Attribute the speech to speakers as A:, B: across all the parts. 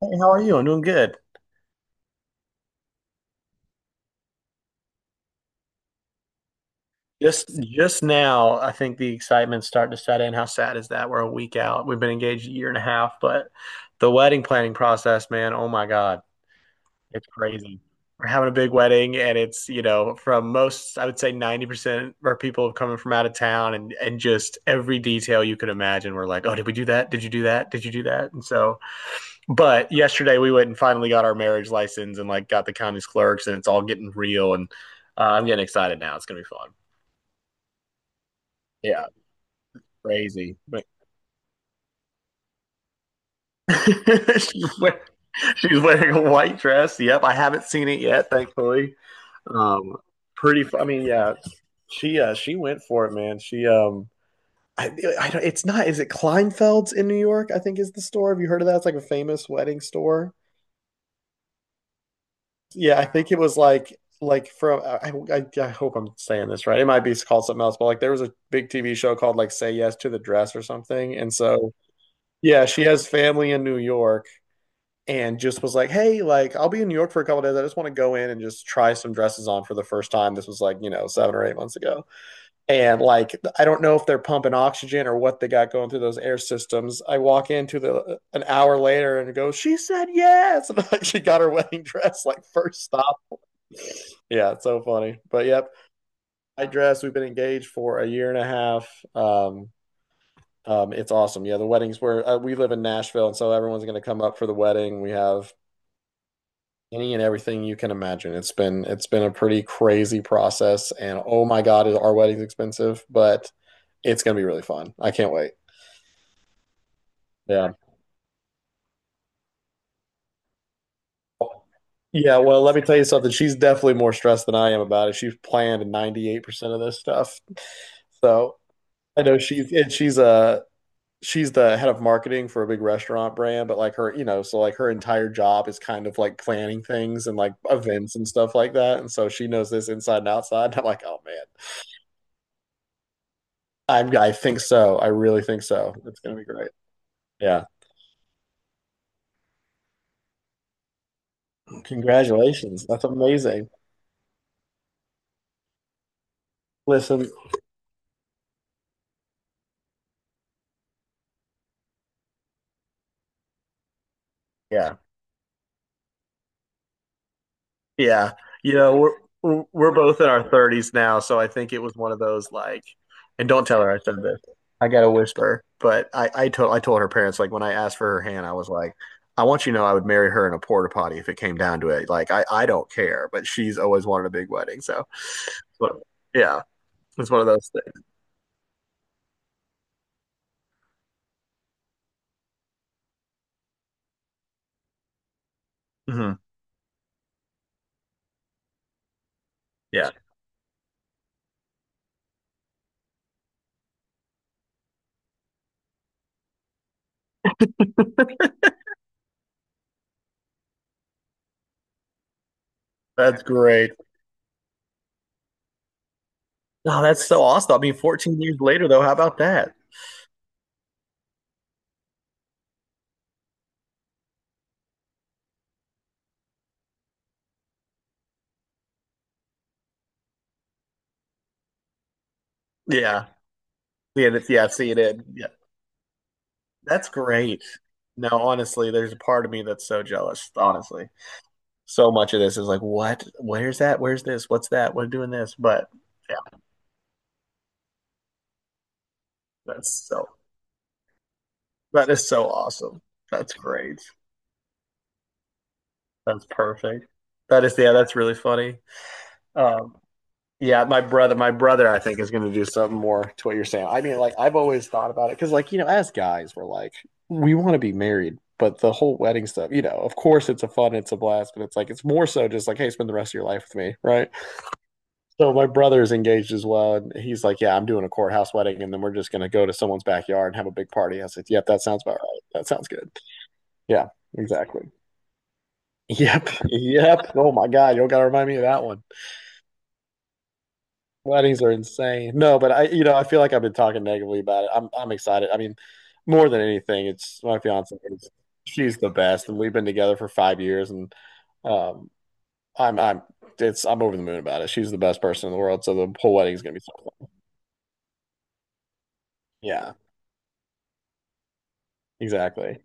A: Hey, how are you? I'm doing good. Just now, I think the excitement's starting to set in. How sad is that? We're a week out. We've been engaged a year and a half, but the wedding planning process, man, oh my God, it's crazy. We're having a big wedding, and it's, you know, from most, I would say 90% of our people coming from out of town and just every detail you could imagine. We're like, oh, did we do that? Did you do that? Did you do that? And so, but yesterday we went and finally got our marriage license and like got the county's clerks, and it's all getting real. And I'm getting excited now. It's gonna be fun. Yeah, crazy. But she's wearing, she's wearing a white dress. Yep, I haven't seen it yet, thankfully. Um, pretty. I mean, yeah, she went for it, man. She I, I don't, it's not. Is it Kleinfeld's in New York? I think is the store. Have you heard of that? It's like a famous wedding store. Yeah, I think it was like from. I I hope I'm saying this right. It might be called something else, but like there was a big TV show called like Say Yes to the Dress or something, and so. Yeah, she has family in New York, and just was like, "Hey, like I'll be in New York for a couple of days. I just want to go in and just try some dresses on for the first time." This was like, you know, 7 or 8 months ago. And like I don't know if they're pumping oxygen or what they got going through those air systems. I walk into the an hour later and go, "She said yes." And like she got her wedding dress like first stop. Yeah, it's so funny. But yep, I dress. We've been engaged for a year and a half. Um it's awesome. Yeah, the weddings where we live in Nashville, and so everyone's going to come up for the wedding. We have any and everything you can imagine. It's been a pretty crazy process, and oh my God, is our wedding's expensive, but it's gonna be really fun. I can't wait. Yeah. Yeah, well, let me tell you something. She's definitely more stressed than I am about it. She's planned 98% of this stuff. So I know she's the head of marketing for a big restaurant brand, but like her, you know, so like her entire job is kind of like planning things and like events and stuff like that. And so she knows this inside and outside. And I'm like, oh man, I think so. I really think so. It's gonna be great. Yeah. Congratulations. That's amazing. Listen, yeah, yeah. You know, we're both in our thirties now, so I think it was one of those like, and don't tell her I said this. I gotta whisper, but I told her parents like when I asked for her hand, I was like, I want you to know I would marry her in a porta potty if it came down to it. Like I don't care, but she's always wanted a big wedding, so but, yeah, it's one of those things. Hmm. Yeah, that's great. Oh, that's so awesome. I mean, 14 years later, though, how about that? Yeah. Yeah, seeing it. Yeah. That's great. No, honestly, there's a part of me that's so jealous, honestly. So much of this is like, what? Where's that? Where's this? What's that? We're doing this. But yeah, that's so, that is so awesome. That's great. That's perfect. Yeah, that's really funny. Um, Yeah, my brother, I think is going to do something more to what you're saying. I mean, like I've always thought about it because, like you know, as guys, we're like we want to be married, but the whole wedding stuff, you know, of course it's a fun, it's a blast, but it's like it's more so just like, hey, spend the rest of your life with me, right? So my brother is engaged as well, and he's like, yeah, I'm doing a courthouse wedding, and then we're just going to go to someone's backyard and have a big party. I said, yep, that sounds about right. That sounds good. Yeah, exactly. Yep, yep. Oh my God, you don't got to remind me of that one. Weddings are insane. No, but you know, I feel like I've been talking negatively about it. I'm excited. I mean, more than anything, it's my fiance. She's the best, and we've been together for 5 years, and um, I'm, I'm, I'm over the moon about it. She's the best person in the world, so the whole wedding's gonna be so fun. Yeah, exactly.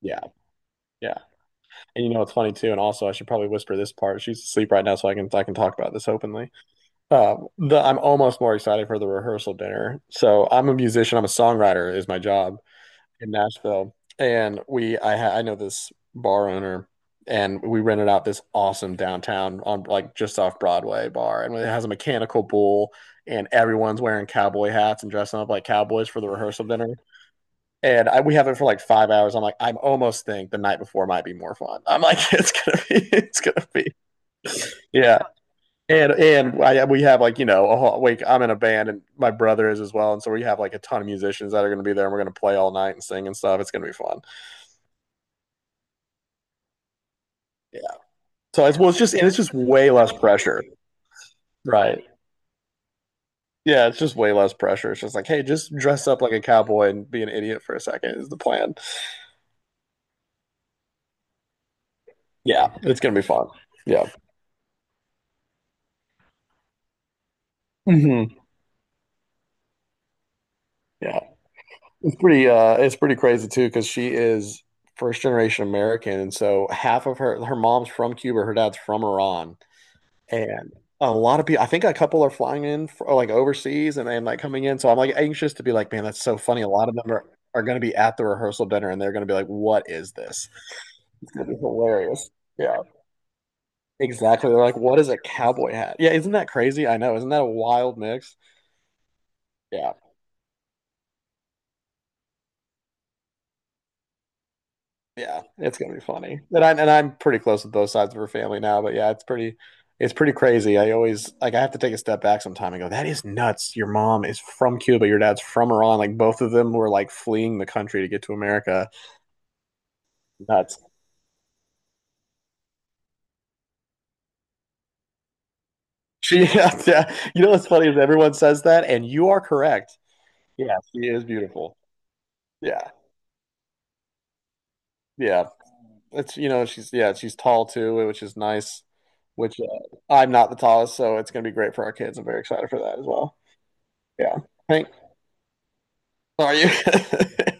A: Yeah, yeah. And you know, what's funny too. And also, I should probably whisper this part. She's asleep right now, so I can talk about this openly. I'm almost more excited for the rehearsal dinner. So I'm a musician. I'm a songwriter is my job. In Nashville, and we I ha I know this bar owner, and we rented out this awesome downtown on like just off Broadway bar, and it has a mechanical bull, and everyone's wearing cowboy hats and dressing up like cowboys for the rehearsal dinner. And we have it for like 5 hours. I'm like, I almost think the night before might be more fun. I'm like, it's gonna be, it's gonna be, yeah. And we have like you know a whole like I'm in a band and my brother is as well, and so we have like a ton of musicians that are gonna be there. And We're gonna play all night and sing and stuff. It's gonna be fun. Yeah. So it's well, it's just and it's just way less pressure, right? Yeah, it's just way less pressure. It's just like, hey, just dress up like a cowboy and be an idiot for a second is the plan. Yeah, it's gonna be fun. Yeah, hmm yeah, it's pretty. It's pretty crazy too because she is first generation American, and so half of her mom's from Cuba, her dad's from Iran. And a lot of people, I think a couple are flying in for, like overseas and then like coming in. So I'm like anxious to be like, man, that's so funny. A lot of them are going to be at the rehearsal dinner and they're going to be like, what is this? It's going to be hilarious. Yeah, exactly. They're like, what is a cowboy hat? Yeah, isn't that crazy? I know. Isn't that a wild mix? Yeah. Yeah, it's gonna be funny. And I'm pretty close with both sides of her family now, but it's pretty crazy. I always like I have to take a step back sometime and go, that is nuts. Your mom is from Cuba, your dad's from Iran. Like both of them were like fleeing the country to get to America. Nuts. She yeah, yeah. You know what's funny is everyone says that and you are correct. Yeah, she is beautiful. Yeah. Yeah. It's you know, she's yeah, she's tall too, which is nice. Which I'm not the tallest, so it's gonna be great for our kids. I'm very excited for that as well. Yeah. Hank, are you?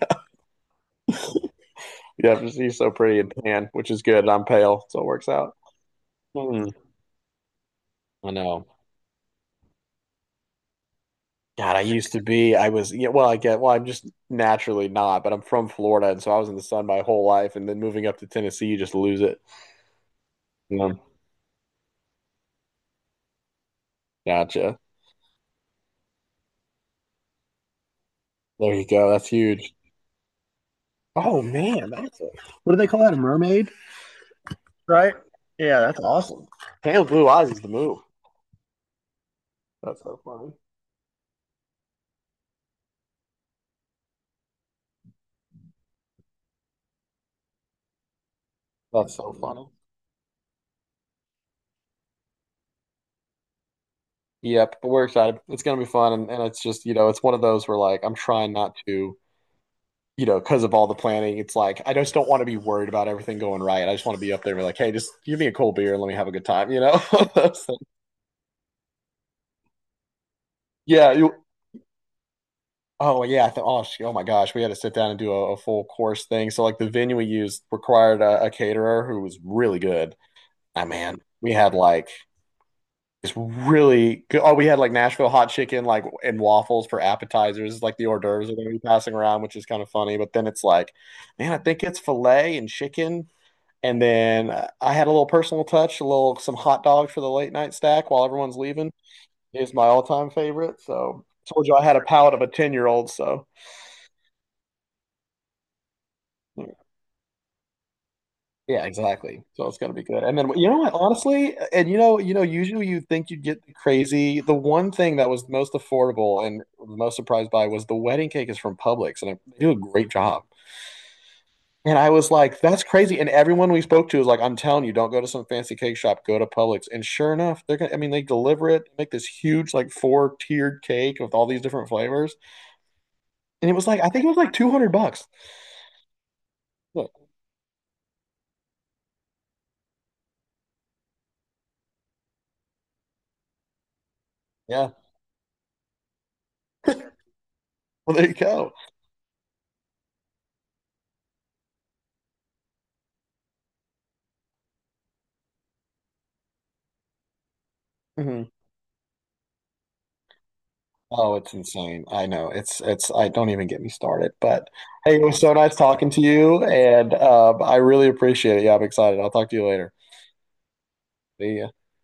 A: Yeah, he's so pretty and tan, which is good. I'm pale, so it works out. Hmm, I know. God, I used to be. I was. Yeah, well, I get. Well, I'm just naturally not, but I'm from Florida, and so I was in the sun my whole life, and then moving up to Tennessee, you just lose it. Mm, gotcha. There you go. That's huge. Oh man, that's a, what do they call that? A mermaid, right? Yeah, that's awesome. Pale blue eyes is the move. That's so funny. That's so funny. Yep, but we're excited. It's gonna be fun, and it's just, you know, it's one of those where like I'm trying not to, you know, because of all the planning, it's like I just don't want to be worried about everything going right. I just want to be up there and be like, hey, just give me a cold beer and let me have a good time, you know? So, yeah. You, oh yeah. I thought, oh, sh- oh my gosh, we had to sit down and do a full course thing. So like the venue we used required a caterer who was really good. Ah man, we had like It's really good. Oh, we had like Nashville hot chicken, like and waffles for appetizers, like the hors d'oeuvres are going to be passing around, which is kind of funny. But then it's like, man, I think it's filet and chicken. And then I had a little personal touch, a little some hot dogs for the late night stack while everyone's leaving. It's my all time favorite. So I told you I had a palate of a 10 year old. So yeah, exactly. So it's gonna be good. And then you know what, honestly, and you know, usually you think you'd get the crazy. The one thing that was the most affordable and the most surprised by was the wedding cake is from Publix, and they do a great job. And I was like, that's crazy. And everyone we spoke to was like, I'm telling you, don't go to some fancy cake shop, go to Publix. And sure enough, I mean, they deliver it, make this huge, like four tiered cake with all these different flavors. And it was like, I think it was like 200 bucks. Look, yeah, well, there you go. Mhm. Oh, it's insane. I know. It's I don't even get me started. But hey, it was so nice talking to you and I really appreciate it. Yeah, I'm excited. I'll talk to you later. See ya.